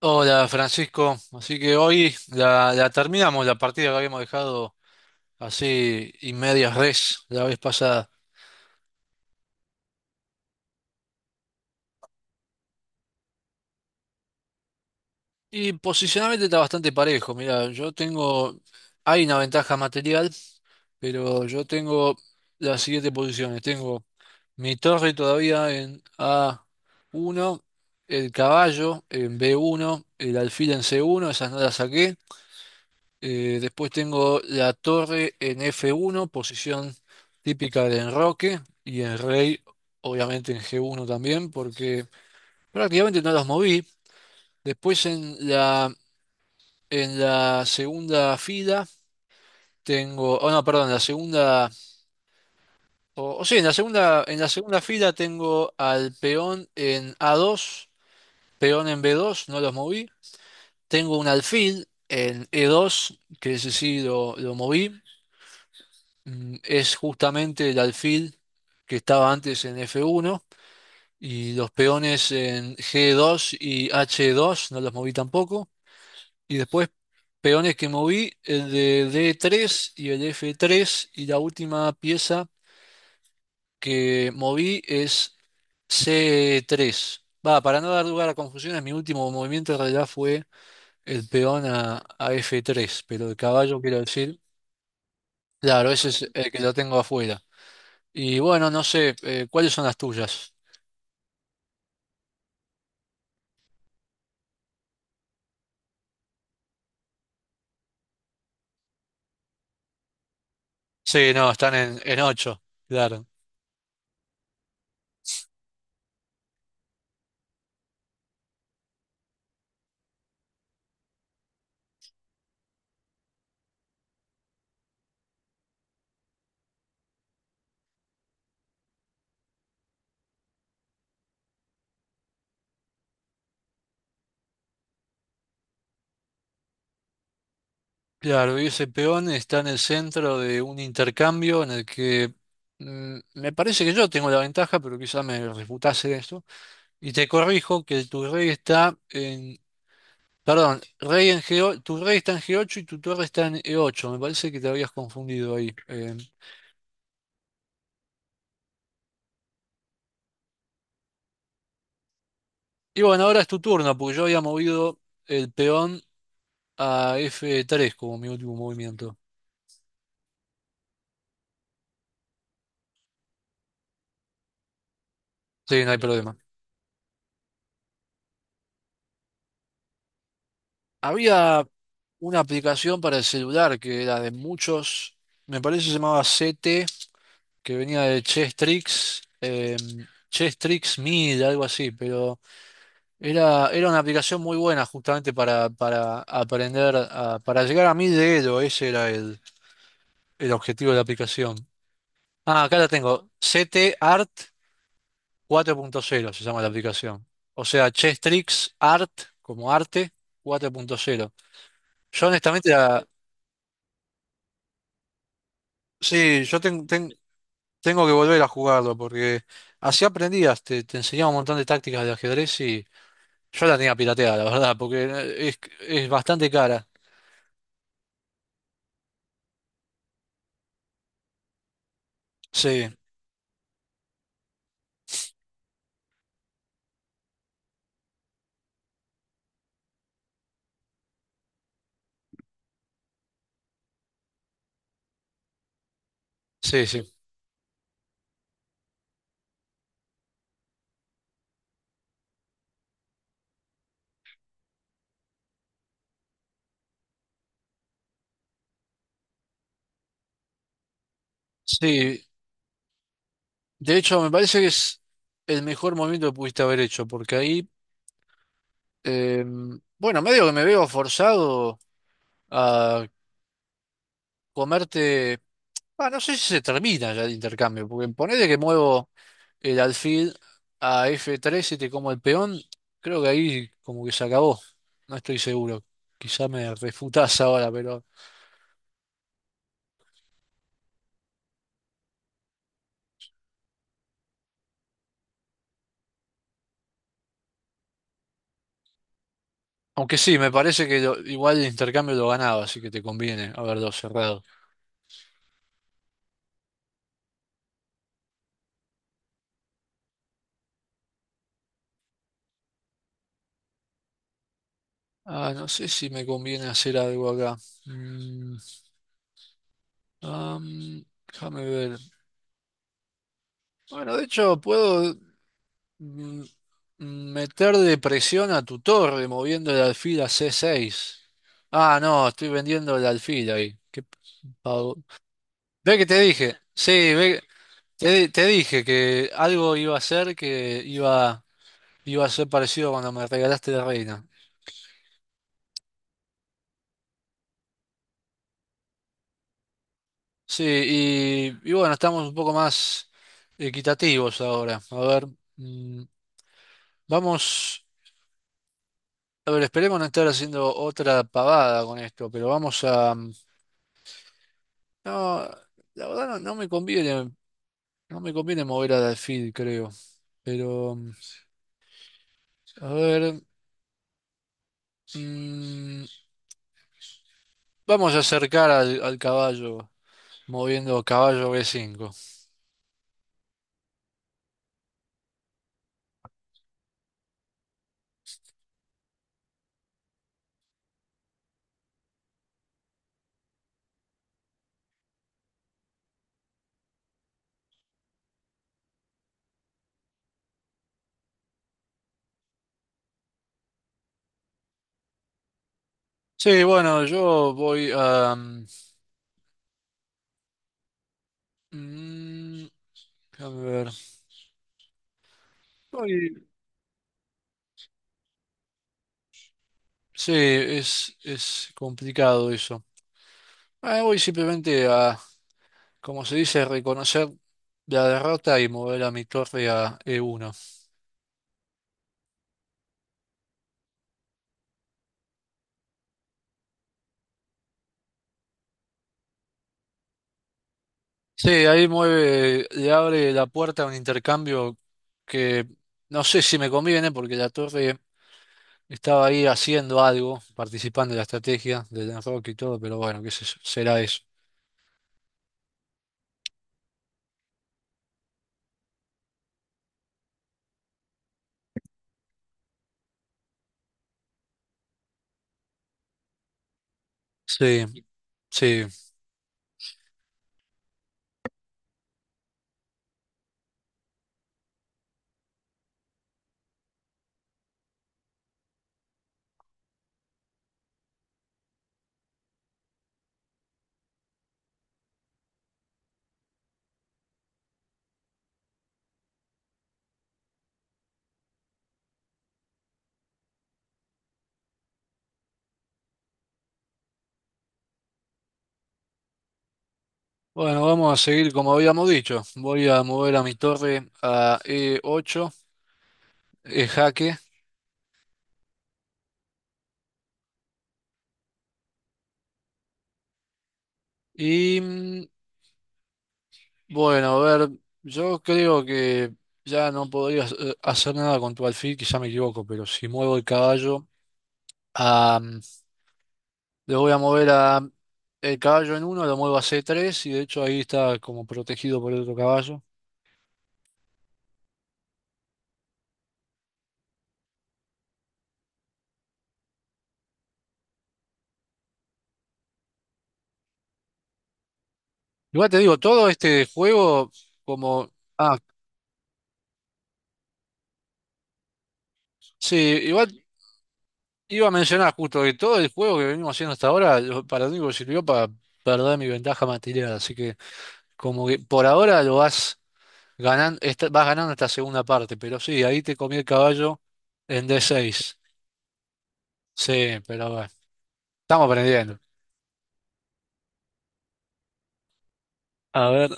Hola Francisco, así que hoy la terminamos la partida que habíamos dejado así y medias res la vez pasada. Y posicionalmente está bastante parejo, mira, hay una ventaja material, pero yo tengo las siguientes posiciones. Tengo mi torre todavía en A1, el caballo en B1, el alfil en C1, esas no las saqué. Después tengo la torre en F1, posición típica del enroque, y el rey, obviamente en G1 también, porque prácticamente no los moví. Después en la segunda fila tengo, oh no, perdón, en la segunda, o sí, en la segunda fila tengo al peón en A2, peón en B2, no los moví. Tengo un alfil en E2, que ese sí lo moví. Es justamente el alfil que estaba antes en F1 y los peones en G2 y H2, no los moví tampoco. Y después peones que moví, el de D3 y el F3 y la última pieza que moví es C3. Va, para no dar lugar a confusiones, mi último movimiento en realidad fue el peón a F3, pero el caballo quiero decir, claro, ese es el que lo tengo afuera. Y bueno, no sé, ¿cuáles son las tuyas? Sí, no, están en ocho, claro. Claro, y ese peón está en el centro de un intercambio en el que me parece que yo tengo la ventaja, pero quizá me refutase esto. Y te corrijo que tu rey está en... Perdón, rey en G, tu rey está en G8 y tu torre está en E8. Me parece que te habías confundido ahí. Y bueno, ahora es tu turno, porque yo había movido el peón a F3 como mi último movimiento. Sí, no hay problema. Había una aplicación para el celular que era de muchos, me parece se llamaba C T, que venía de Chess Tricks, Chess Tricks Mid, algo así, pero era una aplicación muy buena justamente para aprender, para llegar a 1000 de Elo, ese era el objetivo de la aplicación. Ah, acá la tengo, C T Art 4.0 se llama la aplicación, o sea, Chess Tricks Art, como arte, 4.0. Yo honestamente la... Sí, yo ten- ten- Tengo que volver a jugarlo porque así aprendías, te enseñaba un montón de tácticas de ajedrez y yo la tenía pirateada, la verdad, porque es bastante cara. Sí, sí, sí. Sí, de hecho me parece que es el mejor movimiento que pudiste haber hecho porque ahí, eh, bueno, medio que me veo forzado a comerte, ah, no sé si se termina ya el intercambio, porque ponele que muevo... el alfil a f tres y te como el peón, creo que ahí como que se acabó. No estoy seguro. Quizá me refutás ahora, pero... Aunque sí, me parece que igual el intercambio lo ganaba, así que te conviene haberlo cerrado. Ah, no sé si me conviene hacer algo acá. Mm, Déjame ver. Bueno, de hecho, puedo mm, meter de presión a tu torre moviendo el alfil a c seis. Ah, no, estoy vendiendo el alfil ahí. Qué. Ve que te dije, sí, ve, te dije que algo iba a ser, que iba a ser parecido cuando me regalaste la reina. Sí, y bueno, estamos un poco más equitativos ahora. A ver, mm, vamos, a ver, esperemos no estar haciendo otra pavada con esto, pero vamos a... No, la verdad no, no me conviene mover al alfil, creo. Pero, a ver, mm, vamos a acercar al caballo. Moviendo caballo B5. Sí, bueno, yo voy a... mm, déjame ver. Voy- sí, es complicado eso. Ah, voy simplemente a, como se dice, reconocer la derrota y mover a mi torre a E1. Sí, ahí mueve, le abre la puerta a un intercambio que no sé si me conviene porque la torre estaba ahí haciendo algo, participando en la estrategia del enroque y todo, pero bueno, qué sé yo, será eso. Sí. Sí, bueno, vamos a seguir como habíamos dicho. Voy a mover a mi torre a E8, E jaque. Y bueno, a ver, yo creo que ya no podría hacer nada con tu alfil, quizá me equivoco, pero si muevo el caballo, a, mm, le voy a mover a el caballo en uno, lo muevo a C3 y de hecho ahí está como protegido por el otro caballo. Igual te digo, todo este juego como... Ah, sí, igual iba a mencionar justo que todo el juego que venimos haciendo hasta ahora, para lo único que sirvió para perder mi ventaja material. Así que como que por ahora lo ganando, vas ganando esta segunda parte, pero sí, ahí te comí el caballo en D6. Sí, pero bueno, estamos aprendiendo. A ver,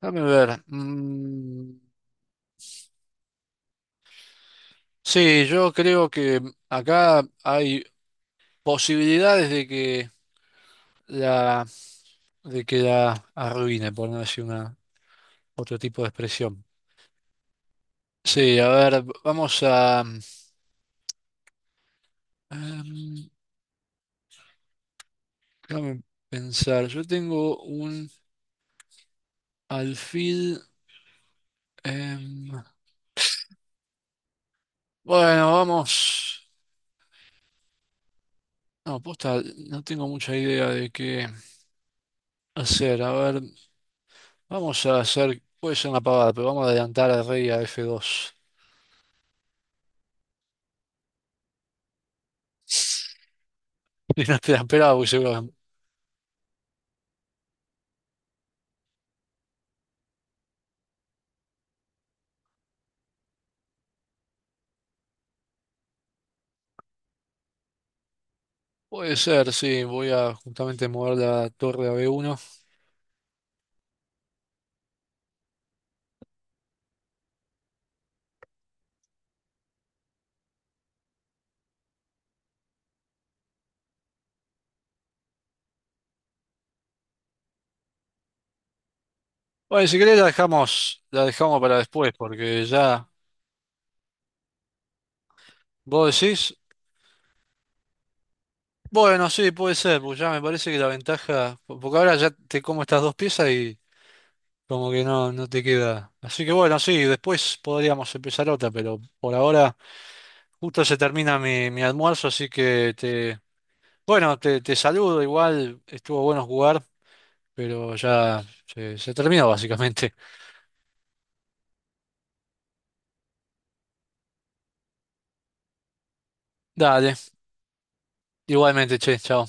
dame ver. Sí, yo creo que acá hay posibilidades de que la, la arruine, por no decir una, otro tipo de expresión. Sí, a ver, vamos a... Em, déjame pensar, yo tengo un alfil. em, bueno, vamos. No, posta, no tengo mucha idea de qué hacer. A ver, vamos a hacer. Puede ser una pavada, pero vamos a adelantar al rey a F2. Y no te la esperaba, porque seguro. Puede ser, sí. Voy a justamente mover la torre a B1. Bueno, si querés la dejamos para después, porque ya. ¿Vos decís? Bueno, sí, puede ser, porque ya me parece que la ventaja, porque ahora ya te como estas dos piezas y como que no, no te queda. Así que bueno, sí, después podríamos empezar otra, pero por ahora justo se termina mi, mi almuerzo, así que bueno, te saludo, igual estuvo bueno jugar, pero ya se terminó básicamente. Dale, igualmente, che, chao.